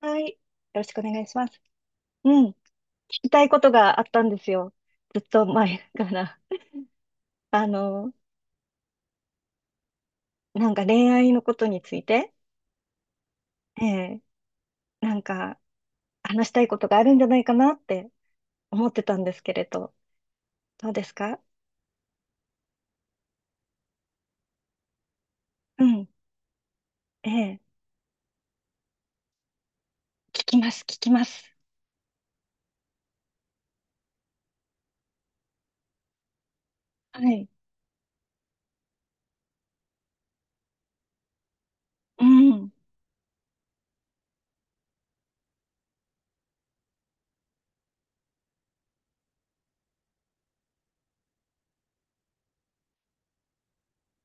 はい。よろしくお願いします。うん。聞きたいことがあったんですよ。ずっと前から。あの、なんか恋愛のことについて、ええ、なんか話したいことがあるんじゃないかなって思ってたんですけれど、どうですか？うん。ええ、聞きます、聞きます。はい。うん。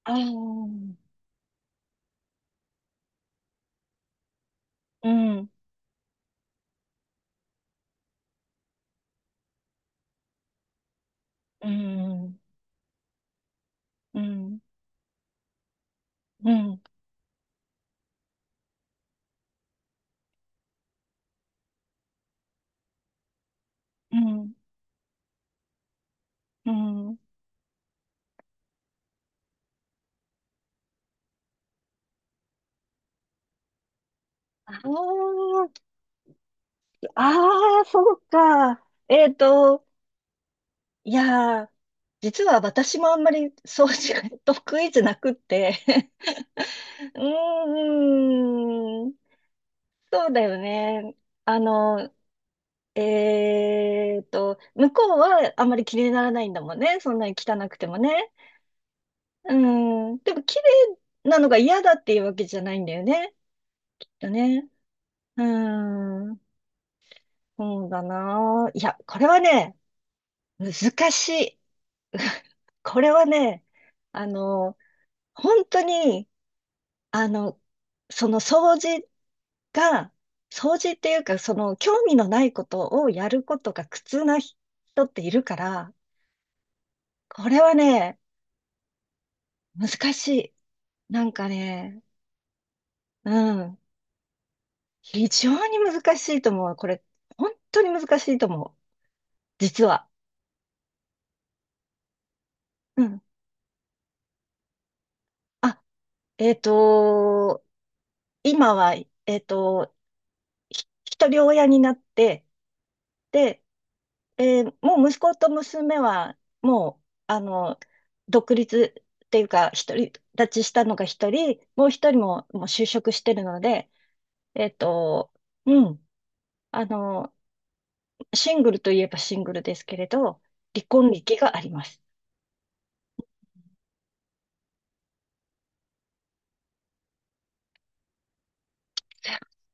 ああ、うん。うん。うん。うん。うん。うん。うん。ああ、ああ、そうか。いやー、実は私もあんまり掃除が 得意じゃなくって うーん、そうだよね。あの、向こうはあんまり気にならないんだもんね。そんなに汚くてもね。うん、でも綺麗なのが嫌だっていうわけじゃないんだよね。だね。うーん、そうだな。いや、これはね、難しい。これはね、あの、本当に、あの、その掃除が、掃除っていうか、その興味のないことをやることが苦痛な人っているから、これはね、難しい。なんかね、うん、非常に難しいと思う。これ、本当に難しいと思う。実は。うん。あ、えっと、今は、えっと、一人親になって、で、もう息子と娘は、もう、独立っていうか、独り立ちしたのが一人、もう一人も、もう就職してるので、えっと、うん、あの、シングルといえばシングルですけれど、離婚歴があります。す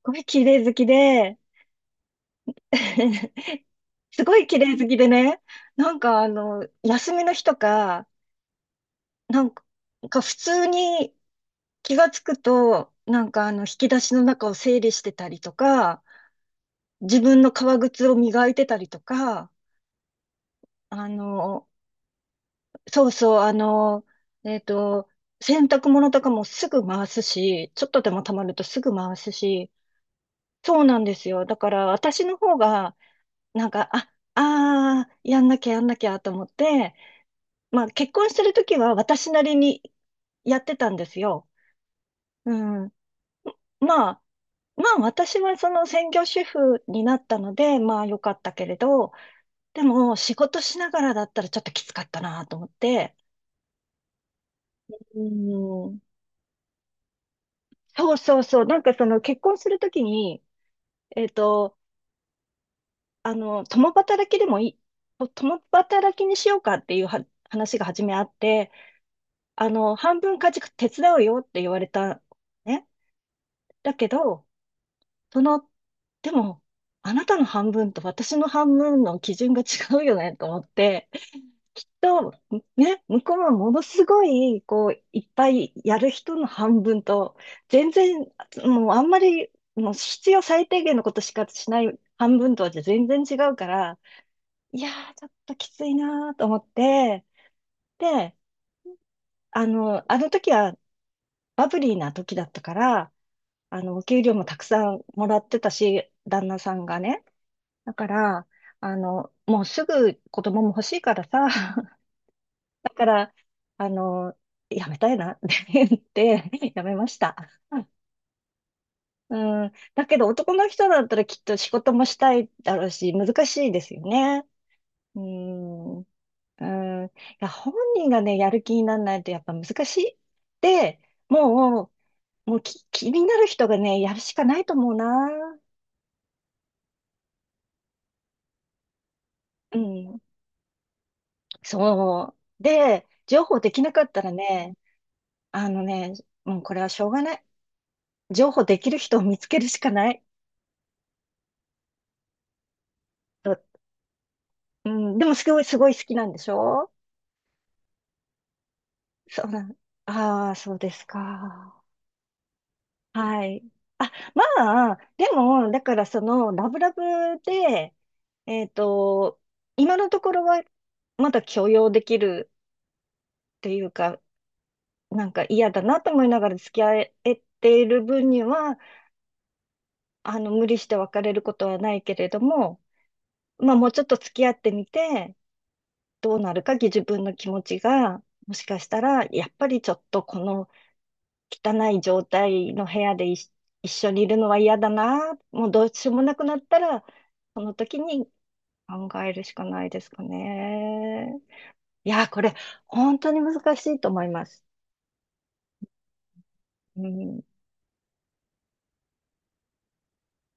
ごい綺麗好きで、すごい綺麗好きでね、なんか休みの日とか、なんか普通に気がつくと、なんか引き出しの中を整理してたりとか、自分の革靴を磨いてたりとか、あの、そうそう、えっと、洗濯物とかもすぐ回すし、ちょっとでも溜まるとすぐ回すし、そうなんですよ。だから私の方が、なんか、やんなきゃやんなきゃと思って、まあ結婚してる時は私なりにやってたんですよ。うん。まあ、まあ私はその専業主婦になったので、まあ良かったけれど、でも、仕事しながらだったらちょっときつかったなと思って、うん、そうそうそう、なんかその結婚するときに、えっと、共働きでもいい、共働きにしようかっていうは話が初めあって、半分家事手伝うよって言われた、ね。だけど、その、でも、あなたの半分と私の半分の基準が違うよねと思って、きっと、ね、向こうはものすごい、いっぱいやる人の半分と、全然、もうあんまり、もう必要最低限のことしかしない半分とはじゃ全然違うから、いやー、ちょっときついなーと思って、で、あの時はバブリーな時だったから、お給料もたくさんもらってたし、旦那さんがね。だから、もうすぐ子供も欲しいからさ、だから、あの、やめたいな って言って、やめました。うん。だけど男の人だったらきっと仕事もしたいだろうし、難しいですよね。うん。うん。いや、本人がね、やる気にならないとやっぱ難しい。で、ももう気になる人がね、やるしかないと思うな。うん。そう。で、情報できなかったらね、あのね、もうこれはしょうがない。情報できる人を見つけるしかない。うん、でもすごい、すごい好きなんでしょ？そうなん、ああ、そうですか。はい。あ、まあ、でも、だからラブラブで、えっと、今のところはまだ許容できるっていうか、なんか嫌だなと思いながら付き合えている分には、無理して別れることはないけれども、まあ、もうちょっと付き合ってみて、どうなるか、自分の気持ちが、もしかしたら、やっぱりちょっとこの、汚い状態の部屋で一緒にいるのは嫌だな。もうどうしようもなくなったら、その時に考えるしかないですかね。いや、これ、本当に難しいと思います。うん。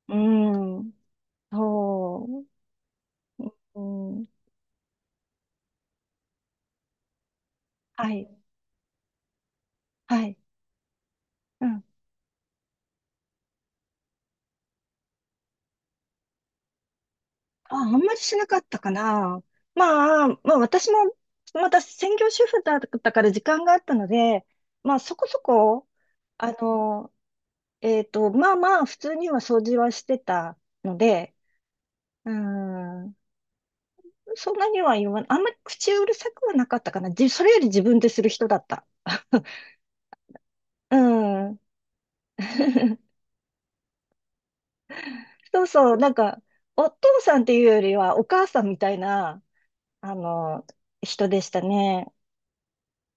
うん。そう。うん。はい。はい。うん。あ、あんまりしなかったかな。まあ、私も、また専業主婦だったから時間があったので、まあ、そこそこ、あの、まあまあ、普通には掃除はしてたので、うん、そんなには言わない。あんまり口うるさくはなかったかな。それより自分でする人だった。うん。そうそう、なんか、お父さんっていうよりは、お母さんみたいな、あの、人でしたね。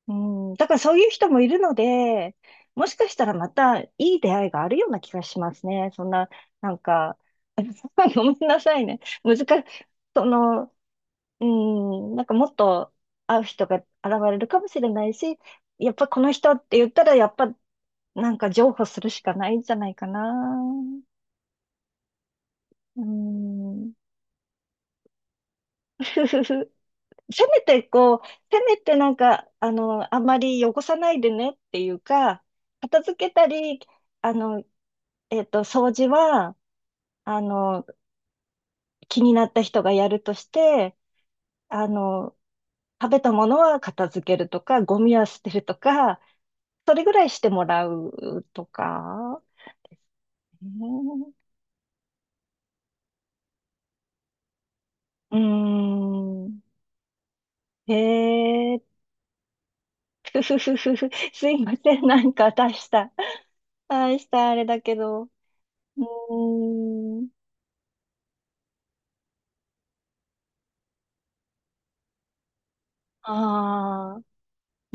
うん、だからそういう人もいるので、もしかしたらまたいい出会いがあるような気がしますね。そんな、なんか、ごめんなさいね。難しい、その、うん、なんかもっと会う人が現れるかもしれないし、やっぱこの人って言ったら、やっぱなんか譲歩するしかないんじゃないかな。うん。せめてこう、せめてなんか、あんまり汚さないでねっていうか、片付けたり、あの、掃除は、あの、気になった人がやるとして、あの、食べたものは片付けるとか、ゴミは捨てるとか、それぐらいしてもらうとかですね。うーん。へえ、ふふふふふ。すいません。なんか出した。出したあれだけど。うーん。ああ。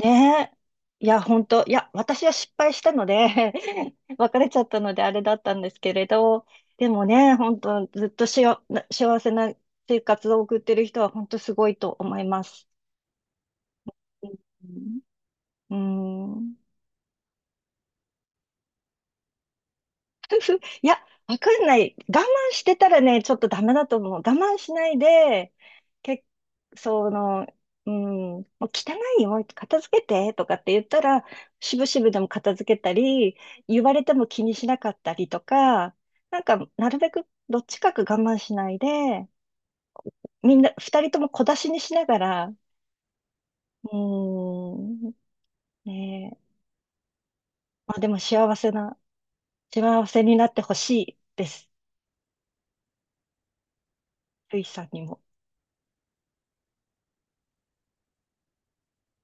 ねえ。いや、私は失敗したので 別れちゃったのであれだったんですけれど、でもね、本当ずっとしよ、な幸せな生活を送ってる人は本当すごいと思います。うん。うん。 いや、わかんない。我慢してたらね、ちょっとダメだと思う。我慢しないで、け、その、うん、もう汚いよ、片付けてとかって言ったら、しぶしぶでも片付けたり、言われても気にしなかったりとか、なんか、なるべくどっちかく我慢しないで、みんな、二人とも小出しにしながら、うん、ねえ、まあでも幸せになってほしいです。ルイさんにも。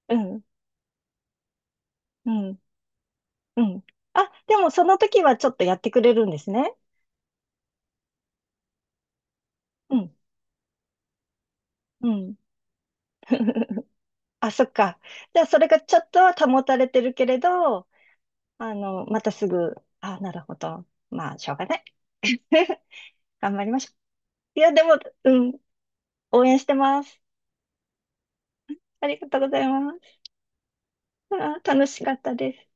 うん、うん。うん。あ、でもその時はちょっとやってくれるんですね。うん。うん。あ、そっか。じゃあそれがちょっとは保たれてるけれど、またすぐ、あ、なるほど。まあ、しょうがない。頑張りましょう。いや、でも、うん。応援してます。ありがとうございます。あ楽しかったです。